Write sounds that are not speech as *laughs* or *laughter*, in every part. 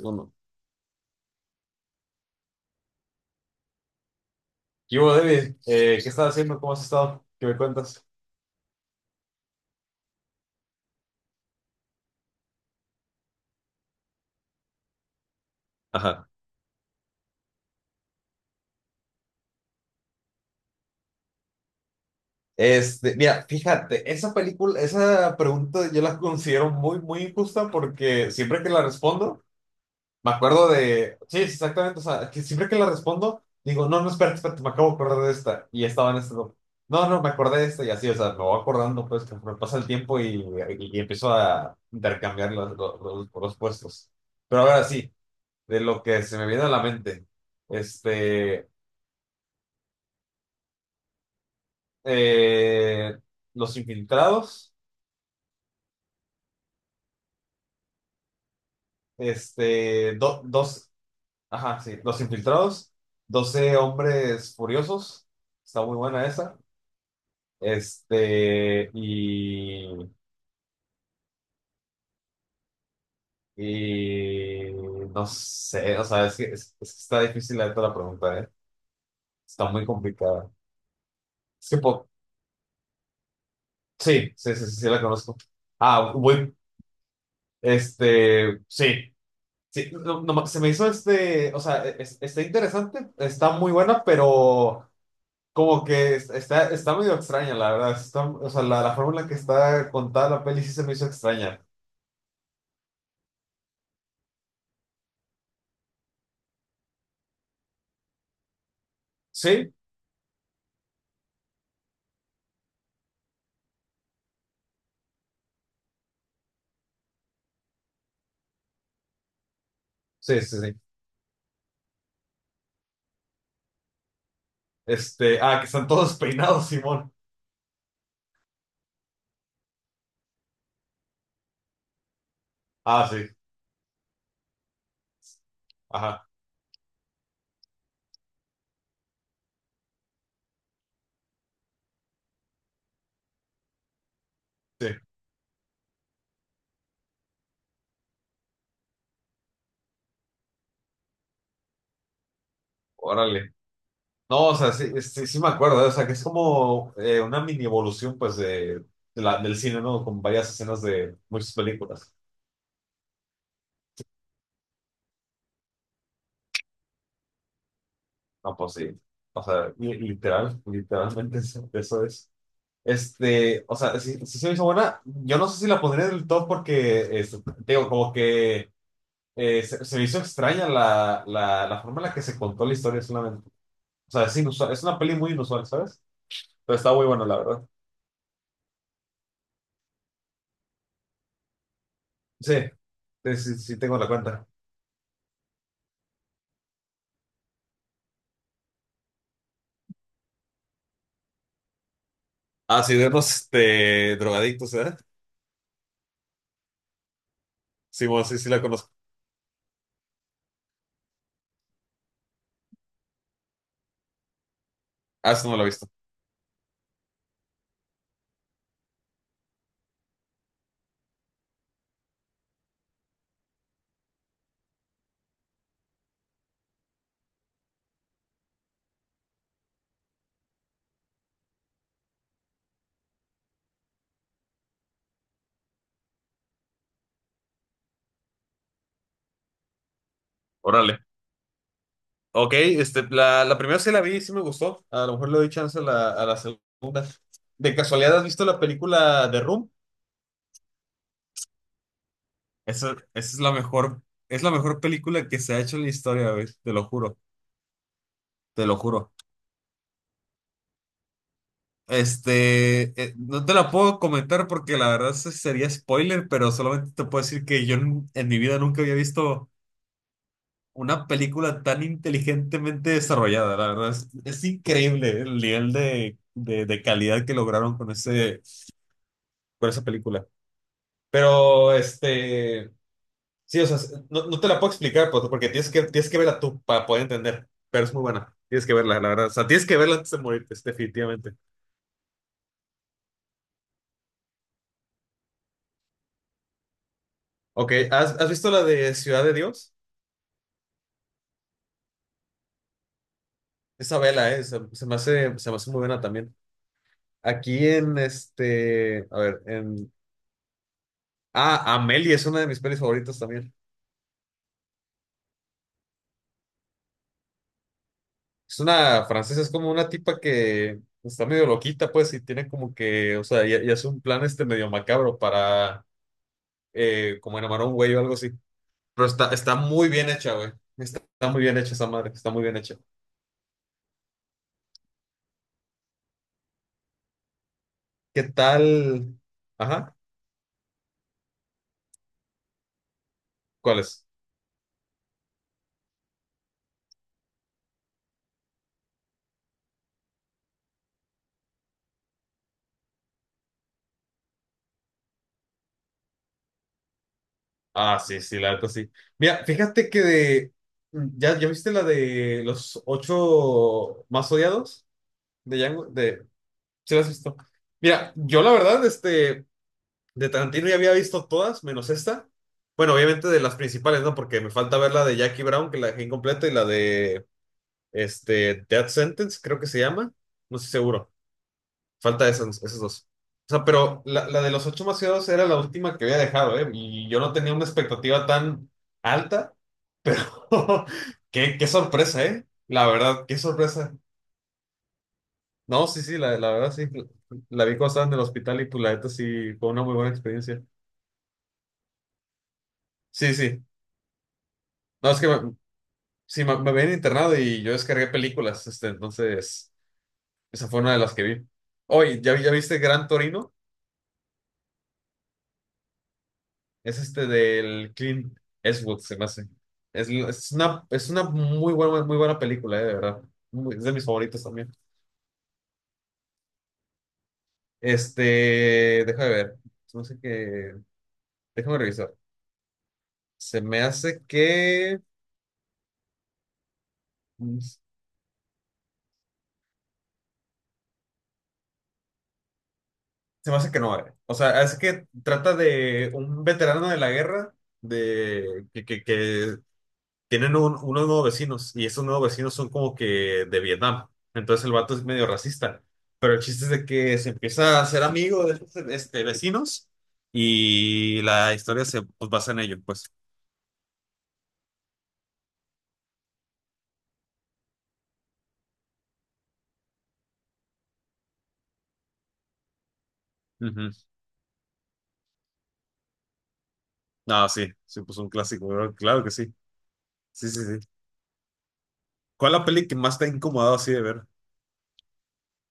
Uno. ¿Qué hubo, David? ¿Qué estás haciendo? ¿Cómo has estado? ¿Qué me cuentas? Ajá. Mira, fíjate, esa pregunta yo la considero muy, muy injusta porque siempre que la respondo, me acuerdo de, sí, exactamente, o sea, que siempre que la respondo, digo, no, no, espérate, espérate, me acabo de acordar de esta y estaba en no, no, no, me acordé de esta y así, o sea, me voy acordando, pues, conforme pasa el tiempo y empiezo a intercambiar los puestos. Pero ahora sí, de lo que se me viene a la mente, este... eh, Los Infiltrados, dos, ajá, sí, Los Infiltrados, 12 Hombres Furiosos, está muy buena esa, este, y, y no sé, o sea, es que está difícil la neta la pregunta, ¿eh? Está muy complicada. Es que po- sí, sí, sí, sí, sí la conozco. Ah, bueno, sí. Sí, no, se me hizo, o sea, está interesante, está muy buena, pero como que está medio extraña, la verdad. Está, o sea, la forma en la que está contada la peli sí se me hizo extraña. Sí, sí, sí, sí. Que están todos *laughs* peinados, Simón. Ah, sí, ajá, sí, órale. No, o sea, sí, sí, sí me acuerdo, ¿eh? O sea, que es como una mini evolución, pues, del cine, ¿no? Con varias escenas de muchas películas. No, pues sí. O sea, literalmente *laughs* eso es. O sea, si se me hizo buena. Yo no sé si la pondría en el top porque, te digo, como que se me hizo extraña la forma en la que se contó la historia solamente. O sea, es inusual, es una peli muy inusual, ¿sabes? Pero está muy bueno, la verdad. Sí, sí, sí, sí tengo la cuenta. Ah, sí, de los drogadictos, ¿eh? Sí, bueno, sí, sí la conozco. Ah, esa no la he visto. Órale. Ok, la primera sí la vi, sí me gustó. A lo mejor le doy chance a la segunda. ¿De casualidad has visto la película de Room? Esa es la mejor película que se ha hecho en la historia, güey, te lo juro, te lo juro. No te la puedo comentar porque la verdad sería spoiler, pero solamente te puedo decir que yo en mi vida nunca había visto una película tan inteligentemente desarrollada, la verdad. Es increíble el nivel de calidad que lograron con esa película. Pero, sí, o sea, no te la puedo explicar, pues, porque tienes que verla tú para poder entender, pero es muy buena. Tienes que verla, la verdad. O sea, tienes que verla antes de morirte, es definitivamente. Ok, ¿has visto la de Ciudad de Dios? Esa vela, se me hace muy buena también. Aquí en este, a ver, en... Ah, Amélie es una de mis pelis favoritas también. Es una francesa, es como una tipa que está medio loquita, pues, y tiene como que, o sea, y hace un plan, este, medio macabro para, como enamorar a un güey o algo así. Pero está muy bien hecha, güey. Está muy bien hecha esa madre, está muy bien hecha. ¿Qué tal? Ajá, ¿cuál es? Ah, sí, sí, la neta sí. Mira, fíjate que de... ¿Ya viste la de los ocho más odiados? De Django, de... ¿Sí la has visto? Mira, yo la verdad, de Tarantino ya había visto todas, menos esta. Bueno, obviamente de las principales, ¿no? Porque me falta ver la de Jackie Brown, que la dejé incompleta, y la de, Death Sentence, creo que se llama. No estoy seguro. Falta esos dos. O sea, pero la de los ocho macieros era la última que había dejado, ¿eh? Y yo no tenía una expectativa tan alta. *laughs* Qué sorpresa, ¿eh? La verdad, qué sorpresa. No, sí, sí, la verdad sí. La vi cuando estaba en el hospital y pues la neta sí fue una muy buena experiencia. Sí, sí. No, sí, me habían internado y yo descargué películas, entonces esa fue una de las que vi. Oye, ¿ya viste Gran Torino? Es, este, del Clint Eastwood, se me hace. Es una muy buena película, de verdad. Es de mis favoritos también. Déjame ver. Se me hace que. Déjame revisar. Se me hace que. Se me hace que no, eh. O sea, es que trata de un veterano de la guerra que tienen unos nuevos vecinos y esos nuevos vecinos son como que de Vietnam. Entonces el vato es medio racista. Pero el chiste es de que se empieza a hacer amigo de estos, vecinos y la historia, se, pues, basa en ello, pues. Ujú. No, sí, sí, pues un clásico, ¿verdad? Claro que sí. Sí, sí, sí. ¿Cuál es la peli que más te ha incomodado así de ver?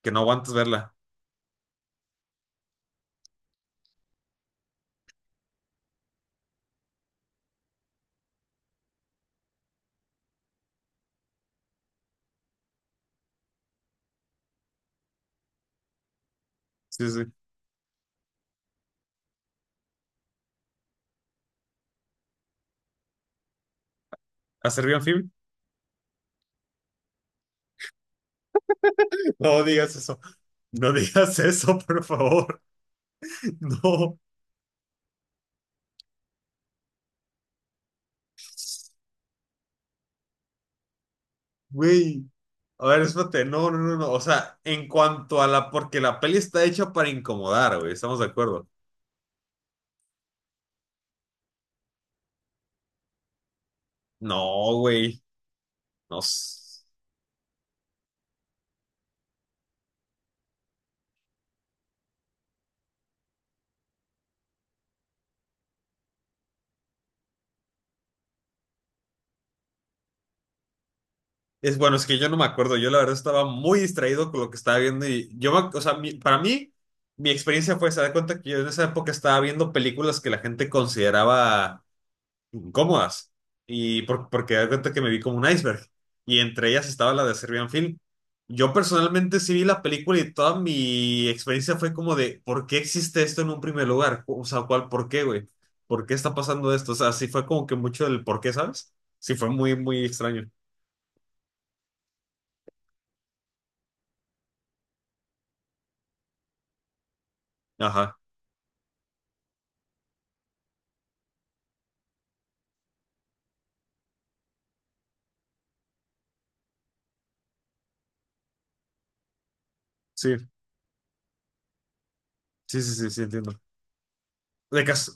Que no aguantas verla. Sí, sí. ¿A Serbian Film? *laughs* No digas eso. No digas eso, por favor. *laughs* No, güey. A ver, espérate, no, no, no, no. O sea, en cuanto a la, porque la peli está hecha para incomodar, güey, estamos de acuerdo. No, güey, no. Es bueno, es que yo no me acuerdo. Yo la verdad estaba muy distraído con lo que estaba viendo y yo, o sea, para mí, mi experiencia fue, se da cuenta que yo en esa época estaba viendo películas que la gente consideraba incómodas. Y porque da cuenta que me vi como un iceberg. Y entre ellas estaba la de Serbian Film. Yo personalmente sí vi la película y toda mi experiencia fue como de, ¿por qué existe esto en un primer lugar? O sea, ¿cuál, por qué, güey? ¿Por qué está pasando esto? O sea, sí fue como que mucho del por qué, ¿sabes? Sí fue muy, muy extraño. Ajá. Sí, sí, sí, sí, sí, entiendo. De cas-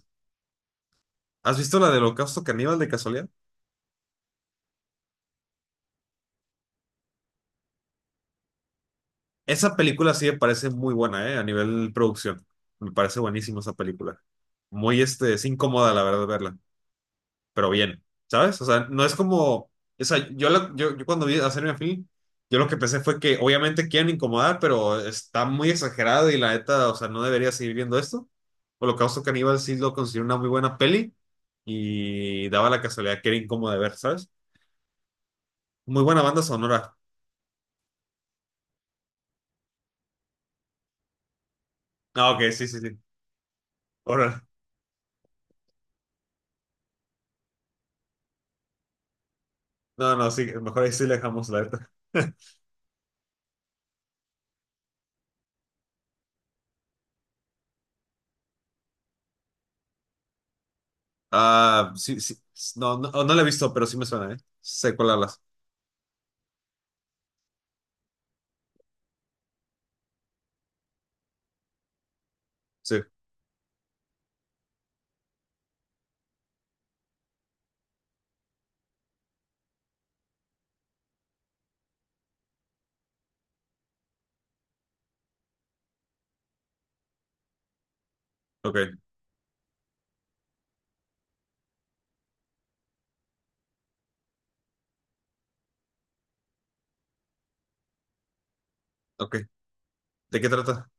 ¿Has visto la del Holocausto Caníbal de casualidad? Esa película sí me parece muy buena, ¿eh? A nivel producción. Me parece buenísima esa película. Es incómoda, la verdad, verla. Pero bien, ¿sabes? O sea, no es como... O sea, yo cuando vi a Serena Film, yo lo que pensé fue que obviamente quieren incomodar, pero está muy exagerado y la neta, o sea, no debería seguir viendo esto. Holocausto Caníbal sí lo considero una muy buena peli y daba la casualidad que era incómoda de ver, ¿sabes? Muy buena banda sonora. Ah, ok, sí, sí, sí. Ahora, no, no, sí, mejor ahí sí le dejamos la neta. Ah, sí, sí. No, no, oh, no la he visto, pero sí me suena, ¿eh? Sé cuál hablas. Sí, ok, ok. ¿De qué trata?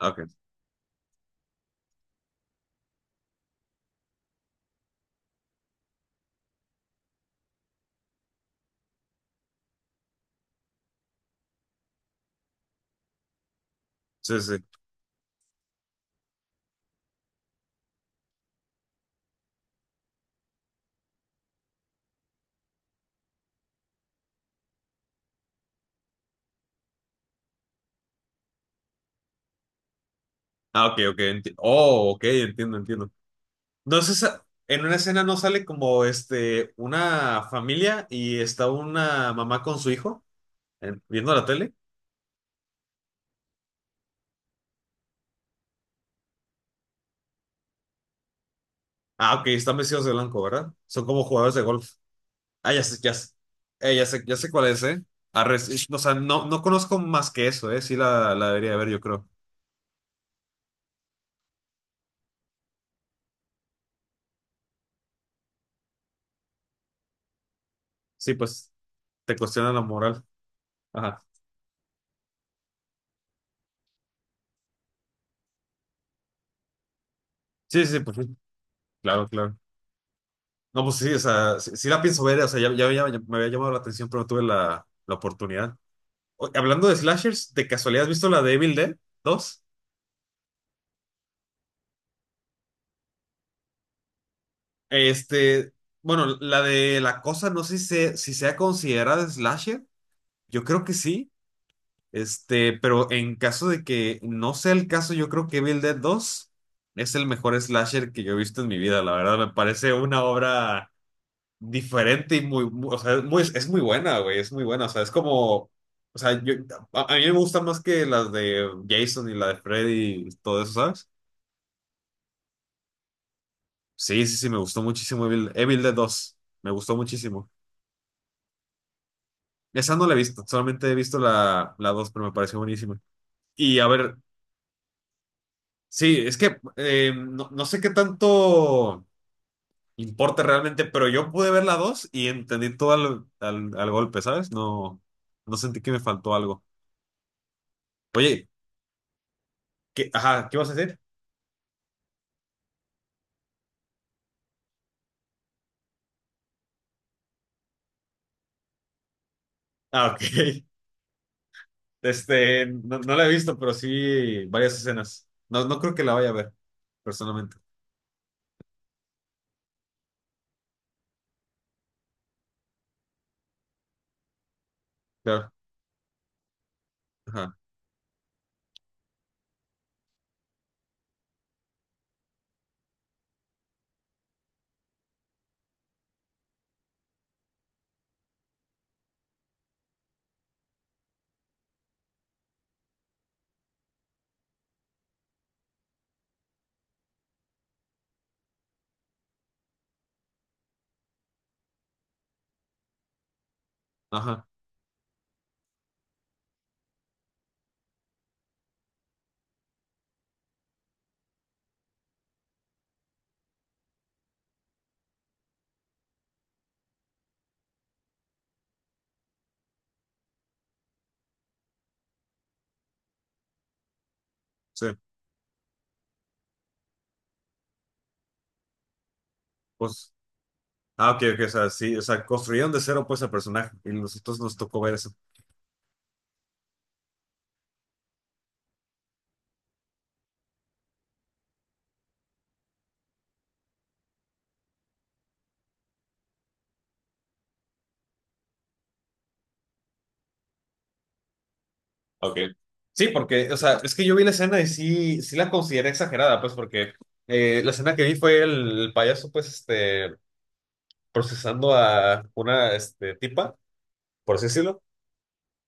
Ah, ok. Sí, sí, sí. Ah, ok, ok. Oh, ok, entiendo, entiendo. No es esa. En una escena no sale como una familia y está una mamá con su hijo, viendo la tele. Ah, ok, están vestidos de blanco, ¿verdad? Son como jugadores de golf. Ah, ya sé, ya sé. Ya sé, ya sé cuál es, ¿eh? Arre, sí, o sea, no, no conozco más que eso, ¿eh? Sí la debería ver, yo creo. Sí, pues. Te cuestiona la moral. Ajá. Sí, sí, sí, pues sí. Claro, claro. No, pues sí, o sea, sí, sí la pienso ver, o sea, me había llamado la atención, pero no tuve la oportunidad. Hablando de slashers, ¿de casualidad has visto la de Evil Dead 2? Este, bueno, la de La Cosa, no sé si sea considerada slasher, yo creo que sí, pero en caso de que no sea el caso, yo creo que Evil Dead 2 es el mejor slasher que yo he visto en mi vida, la verdad, me parece una obra diferente y o sea, es muy buena, güey, es muy buena, o sea, es como, o sea, yo, a mí me gusta más que las de Jason y la de Freddy y todo eso, ¿sabes? Sí, sí, sí, me gustó muchísimo Evil Dead dos, me gustó muchísimo. Esa no la he visto, solamente he visto la dos, pero me pareció buenísima. Y a ver, sí, es que no sé qué tanto importa realmente, pero yo pude ver la 2 y entendí todo al golpe, ¿sabes? No, no sentí que me faltó algo. Oye, ajá, ¿qué vas a decir? Ah, ok. *laughs* No la he visto, pero sí varias escenas. No, no creo que la vaya a ver, personalmente. Claro. Ajá. Ajá. Sí. Pues. Ah, ok, ok. O sea, sí. O sea, construyeron de cero, pues, el personaje. Y nosotros nos tocó ver eso. Ok. Sí, porque, o sea, es que yo vi la escena y sí, sí la consideré exagerada, pues, porque la escena que vi fue el payaso, pues, procesando a una, tipa, por así decirlo.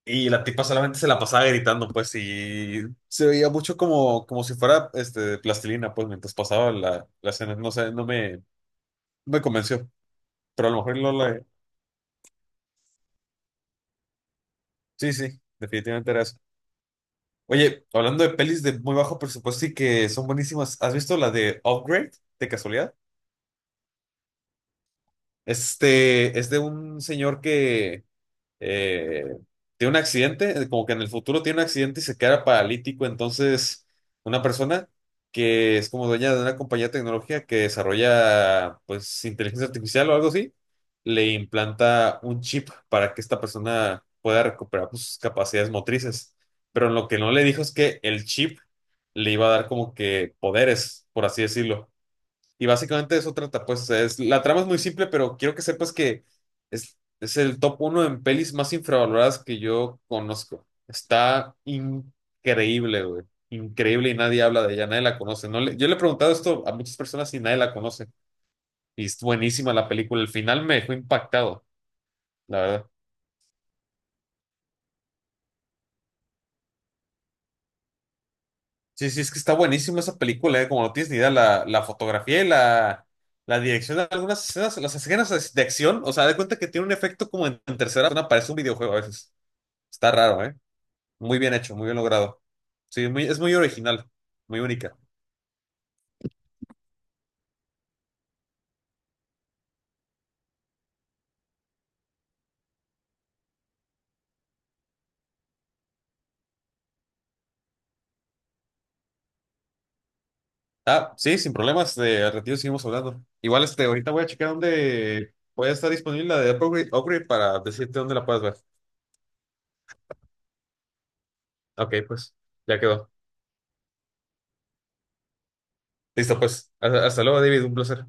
Y la tipa solamente se la pasaba gritando, pues, y se veía mucho como si fuera, de plastilina, pues, mientras pasaba la escena. No sé, no me convenció, pero a lo mejor no la... Sí, sí, definitivamente era eso. Oye, hablando de pelis de muy bajo presupuesto y que son buenísimas, ¿has visto la de Upgrade, de casualidad? Es de un señor que eh, tiene un accidente, como que en el futuro tiene un accidente y se queda paralítico. Entonces, una persona que es como dueña de una compañía de tecnología que desarrolla, pues, inteligencia artificial o algo así, le implanta un chip para que esta persona pueda recuperar, pues, sus capacidades motrices. Pero lo que no le dijo es que el chip le iba a dar como que poderes, por así decirlo. Y básicamente eso trata, pues, la trama es muy simple, pero quiero que sepas que es el top uno en pelis más infravaloradas que yo conozco. Está increíble, güey. Increíble, y nadie habla de ella, nadie la conoce. No le- Yo le he preguntado esto a muchas personas y nadie la conoce. Y es buenísima la película. El final me dejó impactado, la verdad. Sí, sí, es que está buenísima esa película, como no tienes ni idea, la fotografía y la dirección de algunas escenas, las escenas de acción, o sea, de cuenta que tiene un efecto como en tercera persona, parece un videojuego a veces. Está raro, ¿eh? Muy bien hecho, muy bien logrado. Sí, es muy original, muy única. Ah, sí, sin problemas, de al ratito seguimos hablando. Igual, ahorita voy a checar dónde puede estar disponible la de Upgrade, para decirte dónde la puedes ver. Ok, pues, ya quedó. Listo, pues. Hasta luego, David, un placer.